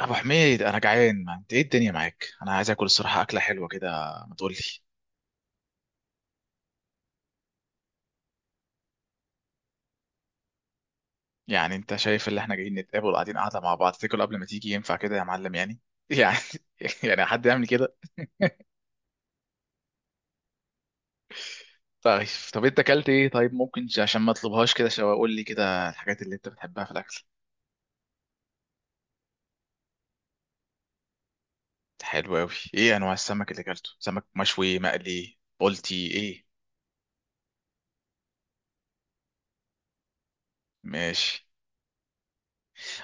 ابو حميد، انا جعان. ما انت ايه الدنيا معاك؟ انا عايز اكل الصراحه، اكله حلوه كده. ما تقول لي؟ يعني انت شايف اللي احنا جايين نتقابل قاعدين قاعده مع بعض، تاكل قبل ما تيجي؟ ينفع كده يا معلم؟ يعني يعني يعني حد يعمل كده؟ طيب. طب انت اكلت ايه؟ طيب ممكن عشان ما اطلبهاش، كده شو اقول لي كده الحاجات اللي انت بتحبها في الاكل؟ حلو قوي. ايه انواع السمك اللي اكلته؟ سمك مشوي، مقلي، بولتي، ايه؟ ماشي.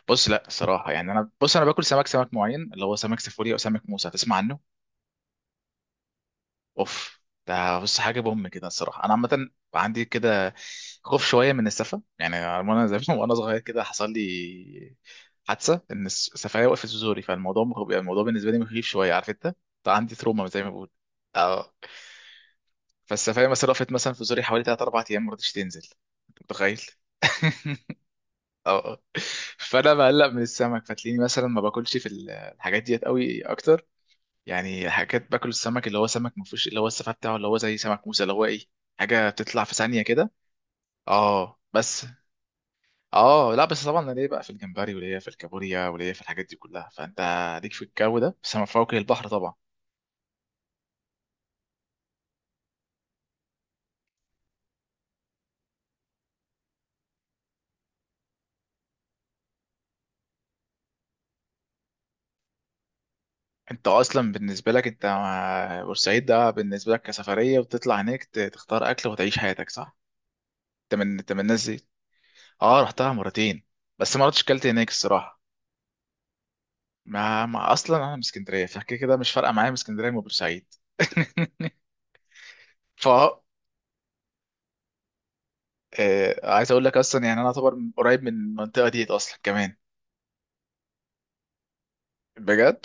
بص، لا الصراحه يعني، انا بص انا باكل سمك معين، اللي هو سمك سيفوري او سمك موسى. تسمع عنه؟ اوف. ده بص حاجه بوم كده الصراحه، انا عامه عندي كده خوف شويه من السفه يعني. وانا زي وانا صغير كده حصل لي حادثه ان السفايه وقفت في زوري، فالموضوع يعني الموضوع بالنسبه لي مخيف شويه، عارف انت؟ ده عندي تروما زي ما بقول. اه. فالسفايه مثلا وقفت مثلا في زوري حوالي 3 4 ايام، ما رضتش تنزل. انت متخيل؟ اه. فانا بقلق من السمك، فتلاقيني مثلا ما باكلش في الحاجات ديت قوي اكتر. يعني حاجات باكل السمك اللي هو سمك ما فيهوش اللي هو السفاح بتاعه، اللي هو زي سمك موسى، اللي هو ايه، حاجه بتطلع في ثانيه كده. اه بس. اه لا بس طبعا انا ليا بقى في الجمبري، وليا في الكابوريا، وليا في الحاجات دي كلها. فانت ليك في الجو ده، بس ما فوق البحر طبعا. انت اصلا بالنسبه لك، انت مع بورسعيد ده بالنسبه لك كسفريه، وتطلع هناك تختار اكل وتعيش حياتك، صح؟ انت من الناس دي؟ اه، رحتها مرتين، بس ما رحتش كلت هناك الصراحه. ما اصلا انا من اسكندريه، فكده كده مش فارقه معايا من اسكندريه وبورسعيد. ف آه، عايز اقول لك اصلا، يعني انا اعتبر قريب من المنطقه دي اصلا كمان. بجد.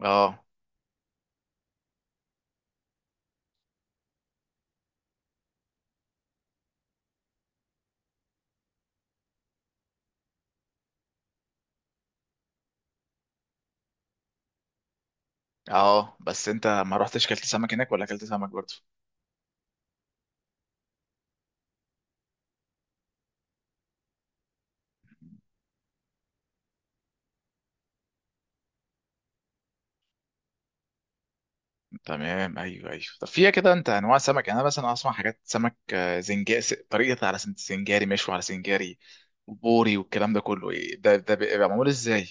اه، اه، بس انت ما رحتش كلت سمك هناك ولا كلت سمك برضه؟ تمام. ايوه، ايوه. طب فيها كده انت انواع سمك؟ يعني انا مثلا اسمع حاجات سمك زنجاري، طريقه على سنجاري، مشوي على سنجاري وبوري والكلام ده كله. إيه ده بيبقى معمول ازاي؟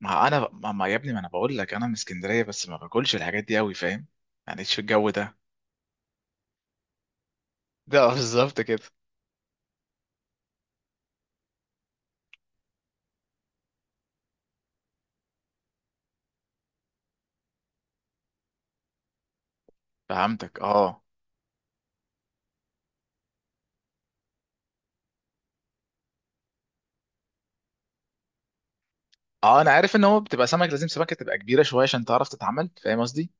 ما انا ما ما يا ابني، ما انا بقول لك انا من اسكندريه، بس ما باكلش الحاجات دي قوي، فاهم؟ يعني ايش في الجو ده. ده بالظبط كده. فهمتك. اه، اه، انا عارف ان هو بتبقى سمك، لازم سمكه تبقى كبيره شويه عشان تعرف تتعمل، فاهم قصدي؟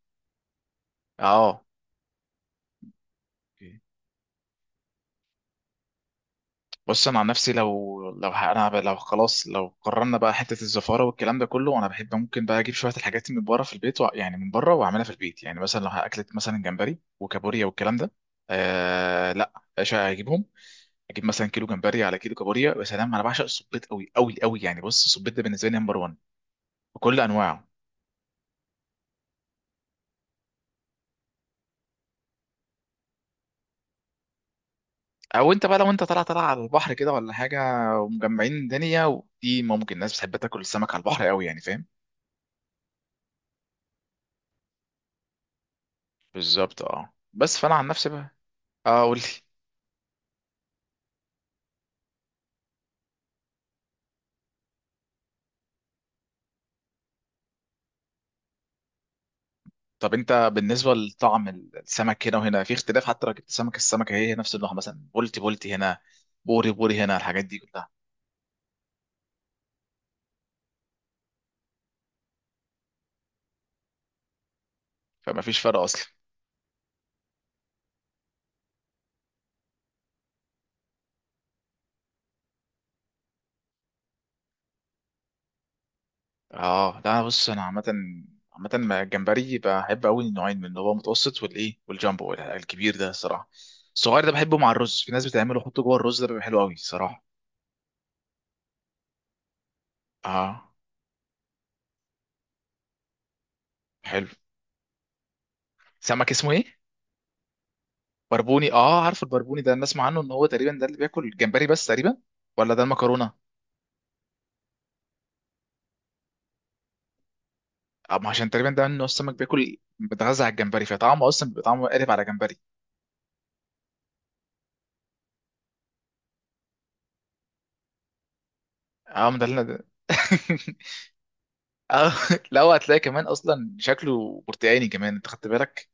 اه. اوكي. بص انا عن نفسي لو لو ه- انا ب- لو خلاص، لو قررنا بقى حته الزفاره والكلام ده كله، انا بحب ممكن بقى اجيب شويه الحاجات من بره في البيت يعني من بره، واعملها في البيت. يعني مثلا لو هاكلت مثلا جمبري وكابوريا والكلام ده. لا. ايش هجيبهم؟ اجيب مثلا كيلو جمبري على كيلو كابوريا. يا سلام، انا بعشق السبيط قوي قوي قوي، يعني بص السبيط ده بالنسبه لي نمبر 1، بكل انواعه. او انت بقى لو انت طالع على البحر كده ولا حاجه، ومجمعين الدنيا، ودي ممكن الناس بتحب تاكل السمك على البحر قوي، يعني فاهم. بالظبط. اه بس فانا عن نفسي بقى، اه قول لي. طب انت بالنسبه لطعم السمك هنا وهنا في اختلاف؟ حتى لو جبت سمك، السمكه هي هي نفس النوع، مثلا بولتي بولتي هنا، بوري بوري هنا، الحاجات دي كلها، فما فيش فرق اصلا؟ اه لا بص، انا عامه مع الجمبري بحب قوي النوعين منه، اللي هو متوسط والايه، والجامبو الكبير ده الصراحه. الصغير ده بحبه مع الرز، في ناس بتعمله يحطه جوه الرز، ده بيبقى حلو قوي صراحه. اه حلو. سمك اسمه ايه؟ بربوني. اه، عارف البربوني ده، انا اسمع عنه ان هو تقريبا ده اللي بياكل الجمبري بس تقريبا، ولا ده المكرونه؟ اه، ما عشان تقريبا ده انه السمك بياكل، بيتغذى على الجمبري، فطعمه اصلا بيبقى طعمه قالب على جمبري. اه ما ده اللي ده. اه لا، هو هتلاقي كمان اصلا شكله برتقاني كمان، انت خدت بالك.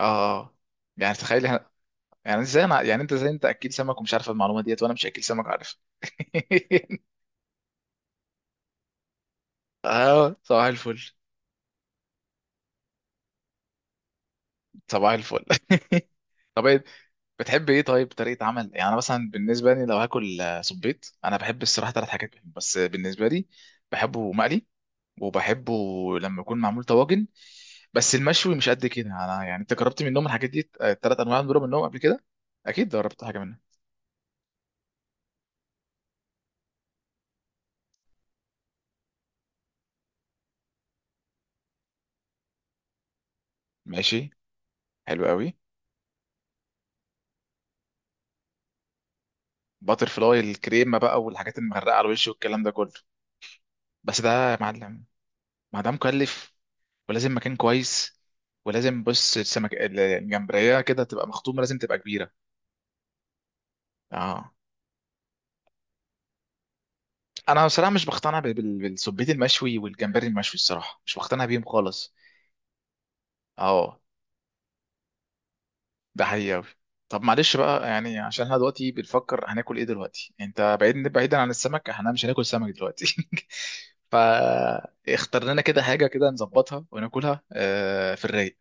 اه. آه. يعني تخيل احنا. يعني ازاي انا يعني انت ازاي انت اكيل سمك ومش عارف المعلومه ديت، وانا مش اكيل سمك، عارف؟ اه صباح الفل. صباح الفل. طب إيه بتحب ايه؟ طيب طريقه عمل. يعني انا مثلا بالنسبه لي لو هاكل صبيط، انا بحب الصراحه ثلاث حاجات بحب. بس بالنسبه لي، بحبه مقلي، وبحبه لما يكون معمول طواجن، بس المشوي مش قد كده. انا يعني انت جربت منهم الحاجات دي الثلاث انواع دول منهم قبل كده؟ اكيد جربت حاجه منهم. ماشي، حلو قوي. باتر فلاي الكريمه بقى والحاجات المغرقه على الوش والكلام ده كله. بس ده يا معلم، ما ده مكلف، ولازم مكان كويس، ولازم بص السمك الجمبريه كده تبقى مخطومه، لازم تبقى كبيره. اه، انا بصراحه مش بقتنع بالسبيت المشوي والجمبري المشوي، الصراحه مش بقتنع بيهم خالص. اه. ده حقيقي أوي. طب معلش بقى. يعني عشان احنا دلوقتي بنفكر هناكل ايه دلوقتي، انت بعيدا عن السمك، احنا مش هناكل سمك دلوقتي. فاختار لنا كده حاجه كده نظبطها وناكلها في الرايق.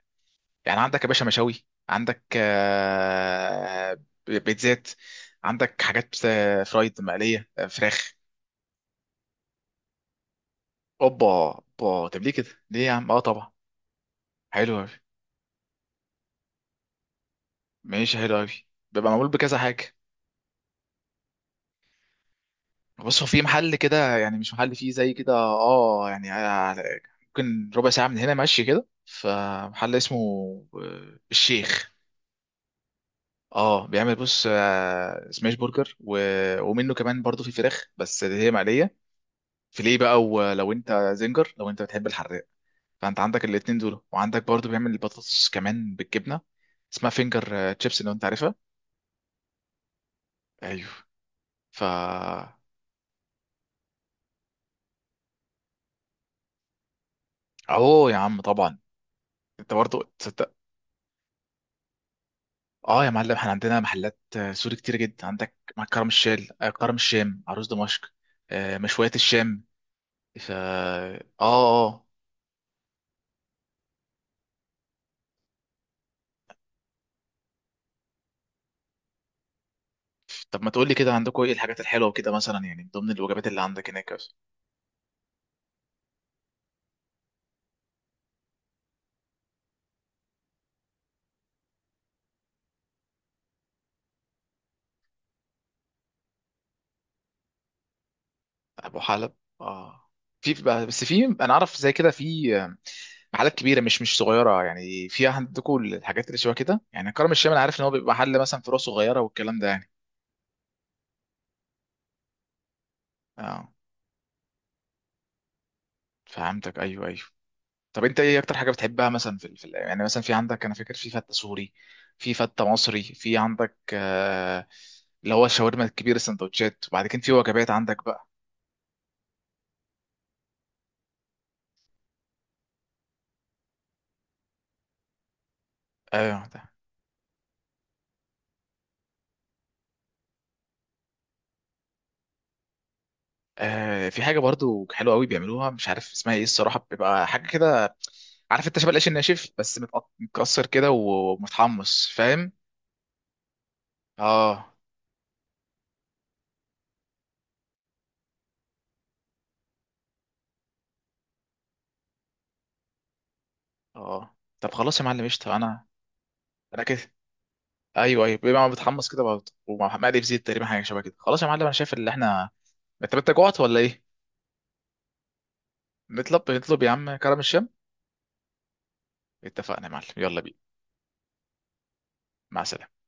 يعني عندك يا باشا مشاوي، عندك بيتزات، عندك حاجات فرايد مقليه، فراخ. اوبا، اوبا. طب ليه كده؟ ليه يا عم؟ اه طبعا. حلو أوي. ماشي حلو قوي. بيبقى معمول بكذا حاجه. بص هو في محل كده، يعني مش محل فيه زي كده، اه يعني ممكن ربع ساعه من هنا ماشي كده، فمحل اسمه الشيخ. اه بيعمل بص سماش برجر و... ومنه كمان برضو في فراخ بس اللي هي مقليه، فيليه بقى. ولو انت زنجر، لو انت بتحب الحراق، فانت عندك الاتنين دول، وعندك برضو بيعمل البطاطس كمان بالجبنه، اسمها فينجر تشيبس، لو انت عارفها. ايوه. ف اهو يا عم طبعا. انت برضه. اه يا معلم احنا عندنا محلات سوري كتير جدا، عندك مع كرم الشام، عروس دمشق، مشويات الشام. اه، اه. آه. طب ما تقول لي كده عندكم ايه الحاجات الحلوه وكده، مثلا يعني من ضمن الوجبات اللي عندك هناك بس؟ ابو حلب. اه، في بس في انا اعرف زي كده، في محلات كبيره، مش صغيره يعني. في عندكم الحاجات اللي شبه كده؟ يعني كرم الشام انا عارف ان هو بيبقى محل مثلا فروع صغيره والكلام ده يعني. اه فهمتك. ايوه، ايوه. طب انت ايه اكتر حاجه بتحبها مثلا في يعني، مثلا في عندك انا فاكر في فته سوري، في فته مصري، في عندك اللي هو الشاورما الكبير، السندوتشات، وبعد كده في وجبات عندك بقى. ده. في حاجه برضو حلوه قوي بيعملوها، مش عارف اسمها ايه الصراحه، بيبقى حاجه كده، عارف انت، شبه العيش الناشف بس متكسر كده ومتحمص، فاهم؟ اه. اه. طب خلاص يا معلم قشطه. انا كده. ايوه، ايوه، بيبقى متحمص كده بقى، ومع مقلي في زيت، تقريبا حاجه شبه كده. خلاص يا معلم، انا شايف اللي احنا. انت جوعت ولا ايه؟ نطلب يا عم كرم الشام. اتفقنا يا معلم، يلا بينا. مع السلامه.